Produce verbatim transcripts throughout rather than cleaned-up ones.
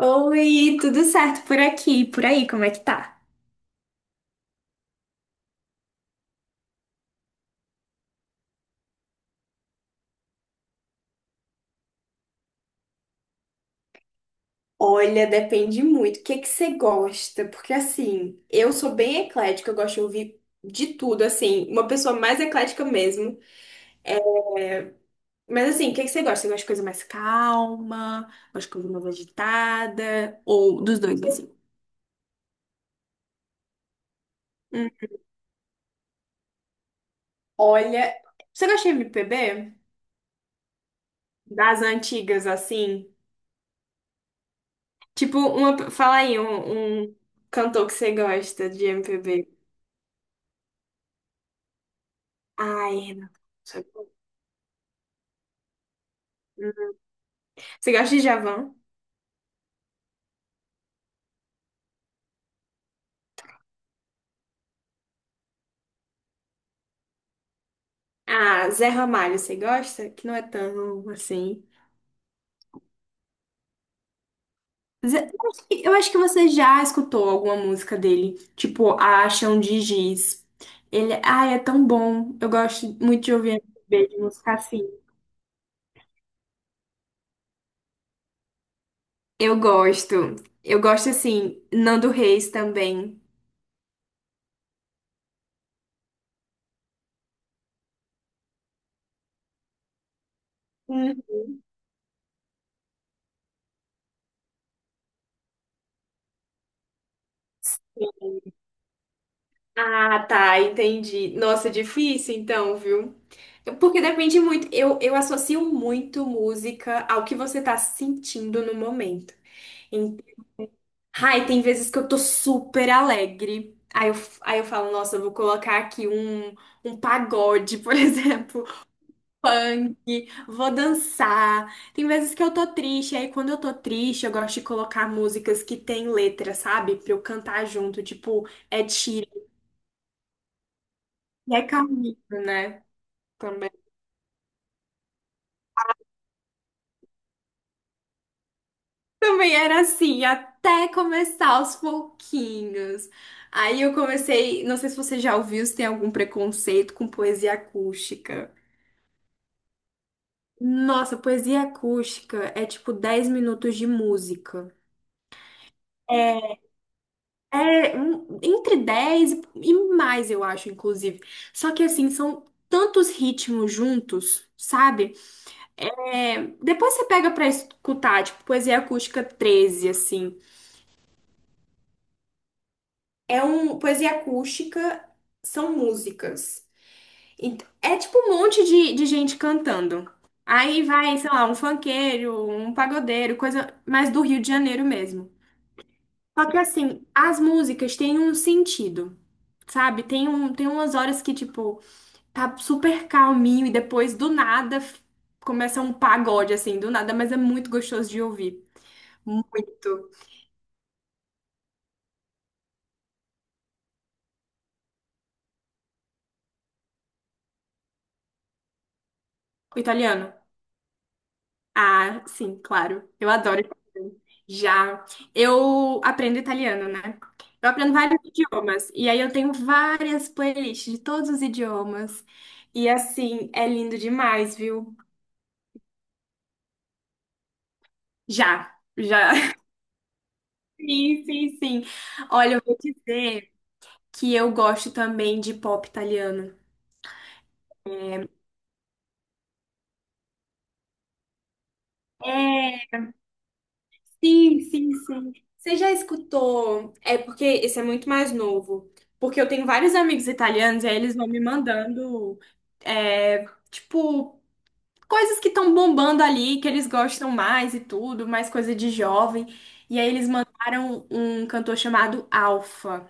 Oi, tudo certo por aqui? Por aí, como é que tá? Olha, depende muito. O que é que você gosta? Porque assim, eu sou bem eclética, eu gosto de ouvir de tudo, assim, uma pessoa mais eclética mesmo. Mas assim, o que é que você gosta? Você gosta de coisa mais calma? Gosta de coisa mais agitada? Ou dos dois, assim? Hum, Olha, você gosta de M P B? Das antigas, assim? Tipo, uma... fala aí um, um cantor que você gosta de M P B. Ai, Renato. Russo. É bom. Você gosta de Djavan? Ah, Zé Ramalho, você gosta? Que não é tão assim. Zé- Eu acho que eu acho que você já escutou alguma música dele, tipo A Chão de Giz. Ele, ai, é tão bom. Eu gosto muito de ouvir M P B, de música assim. Eu gosto. Eu gosto assim, Nando Reis também. Hum. Ah, tá, entendi. Nossa, é difícil então, viu? Porque depende muito. Eu, eu associo muito música ao que você tá sentindo no momento. Ai, tem vezes que eu tô super alegre. Aí eu, aí eu falo, nossa, eu vou colocar aqui um, um pagode, por exemplo, funk, vou dançar. Tem vezes que eu tô triste, aí quando eu tô triste, eu gosto de colocar músicas que tem letra, sabe? Pra eu cantar junto, tipo, é Sheeran e é Camilo, né? Também. Também era assim, até começar aos pouquinhos. Aí eu comecei, não sei se você já ouviu, se tem algum preconceito com poesia acústica. Nossa, poesia acústica é tipo dez minutos de música. É, é um- entre dez e e mais, eu acho, inclusive. Só que assim, são tantos ritmos juntos, sabe? É, depois você pega pra escutar, tipo, poesia acústica treze assim. É um. Poesia acústica são músicas. Ent- É tipo um monte de, de gente cantando. Aí vai, sei lá, um funkeiro, um pagodeiro, coisa mais do Rio de Janeiro mesmo. Só que assim, as músicas têm um sentido, sabe? Tem um, tem umas horas que, tipo, tá super calminho e depois do nada f- começa um pagode, assim, do nada, mas é muito gostoso de ouvir. Muito. O italiano? Ah, sim, claro. Eu adoro italiano. Já. Eu aprendo italiano, né? Eu aprendo vários idiomas. E aí eu tenho várias playlists de todos os idiomas. E assim, é lindo demais, viu? Já. Já. Sim, sim, sim. Olha, eu vou dizer que eu gosto também de pop italiano. É, sim, sim, sim. Você já escutou? É porque esse é muito mais novo. Porque eu tenho vários amigos italianos e aí eles vão me mandando, é, tipo, coisas que estão bombando ali, que eles gostam mais e tudo, mais coisa de jovem. E aí eles mandaram um cantor chamado Alfa.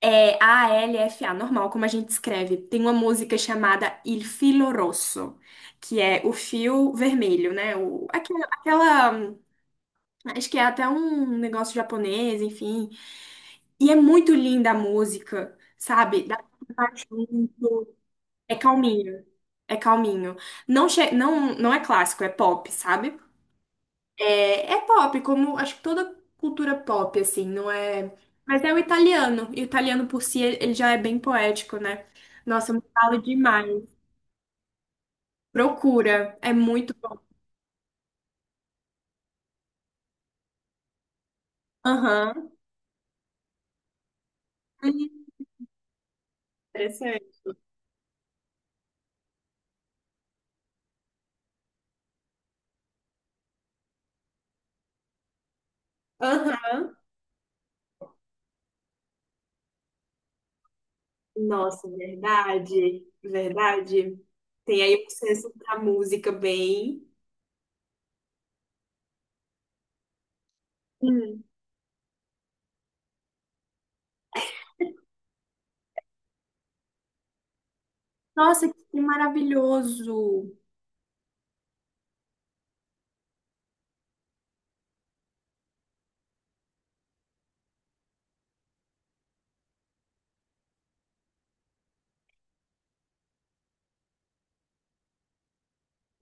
É A-L-F-A, normal, como a gente escreve. Tem uma música chamada Il Filo Rosso, que é o fio vermelho, né? O, aquela, aquela- acho que é até um negócio japonês, enfim. E é muito linda a música, sabe? Dá- um, É calminho. É calminho. Não, che- não, não é clássico, é pop, sabe? É, é pop, como acho que toda cultura pop, assim, não é. Mas é o italiano. E o italiano por si, ele já é bem poético, né? Nossa, eu me falo demais. Procura. É muito bom. Aham. Uhum. Interessante. Aham. Nossa, verdade, verdade. Tem aí um senso da música bem. Hum. Nossa, que maravilhoso.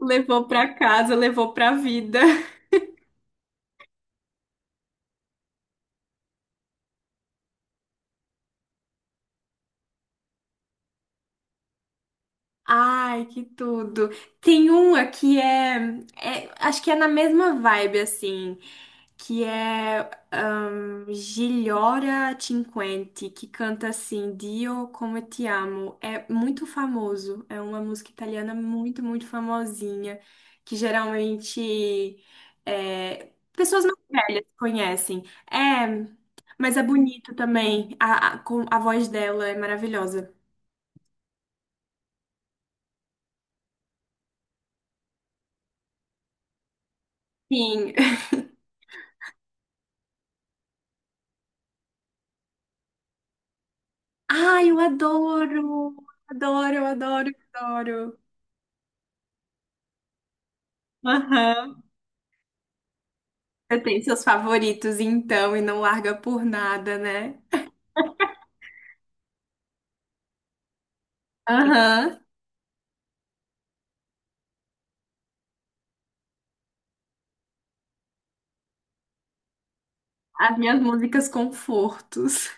Levou pra casa, levou pra vida. Ai, que tudo. Tem uma que é, é- acho que é na mesma vibe, assim, que é ahn, Gigliora Cinquenti, que canta assim, Dio come te amo. É muito famoso, é uma música italiana muito, muito famosinha, que geralmente é, pessoas mais velhas conhecem. É, mas é bonito também, a, a, com- a voz dela é maravilhosa. Sim. Ai, eu adoro! Adoro, eu adoro, eu adoro. Aham. Você tem seus favoritos, então, e não larga por nada, né? Aham. As minhas músicas confortos.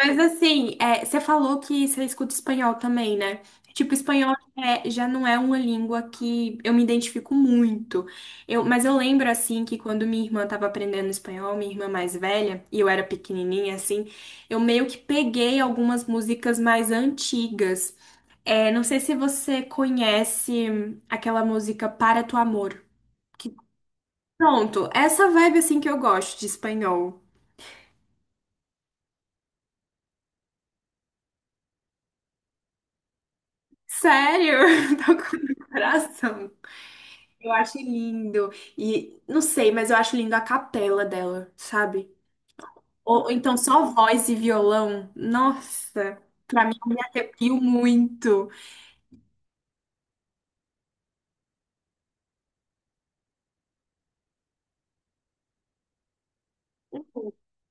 Mas assim, é, você falou que você escuta espanhol também, né? Tipo, espanhol é, já não é uma língua que eu me identifico muito. Eu, mas eu lembro, assim, que quando minha irmã estava aprendendo espanhol, minha irmã mais velha, e eu era pequenininha, assim, eu meio que peguei algumas músicas mais antigas. É, não sei se você conhece aquela música Para Tu Amor. que- Pronto, essa vibe, assim, que eu gosto de espanhol. Sério? Tô com o coração. Eu acho lindo. E não sei, mas eu acho lindo a capela dela, sabe? Ou, ou então só voz e violão. Nossa, pra mim eu me arrepio muito.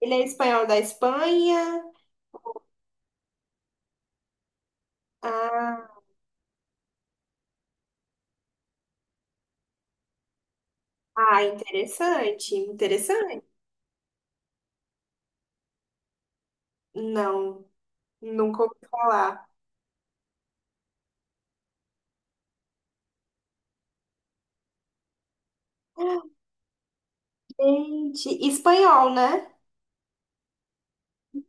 Ele é espanhol da Espanha. Ah, ah, interessante, interessante. Não, nunca ouvi falar. Gente, espanhol, né?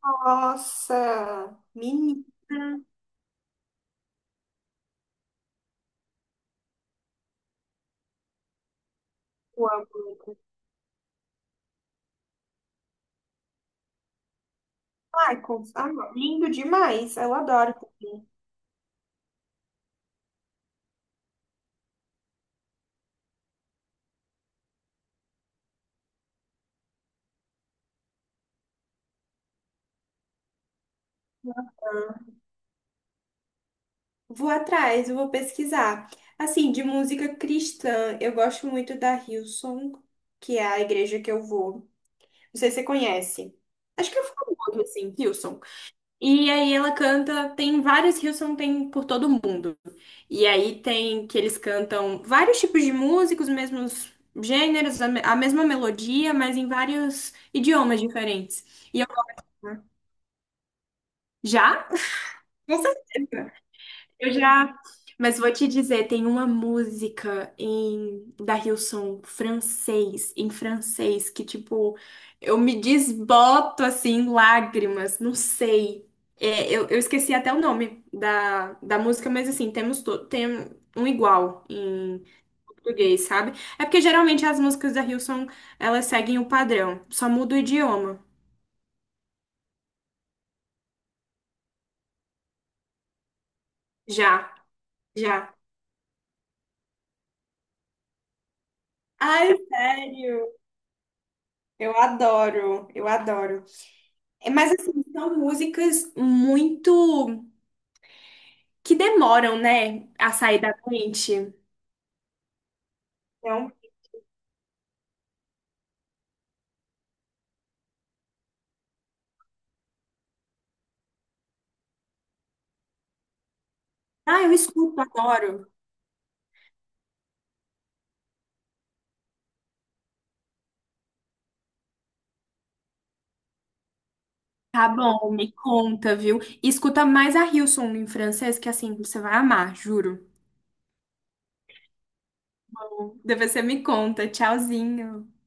Nossa, menina, eu amo. Michael, ah, lindo demais, eu adoro. Vou atrás, eu vou pesquisar. Assim, de música cristã, eu gosto muito da Hillsong, que é a igreja que eu vou. Não sei se você conhece. Acho que eu falo muito assim, Hillsong. E aí ela canta, tem vários Hillsong, tem por todo mundo. E aí tem que eles cantam vários tipos de músicos, mesmos gêneros, a me- a mesma melodia, mas em vários idiomas diferentes. E eu já? Com certeza. Eu já, mas vou te dizer, tem uma música em da Hillsong francês, em francês, que tipo, eu me desboto assim, em lágrimas, não sei. É, eu, eu esqueci até o nome da, da música, mas assim, temos to- tem um igual em português, sabe? É porque geralmente as músicas da Hillsong, elas seguem o padrão, só muda o idioma. Já, já. Ai, sério? Eu adoro, eu adoro. É, mas assim, são músicas muito que demoram, né, a sair da mente. Então, ah, eu escuto, adoro. Tá bom, me conta, viu? E escuta mais a Hillsong em francês, que assim, você vai amar, juro. Depois você me conta. Tchauzinho.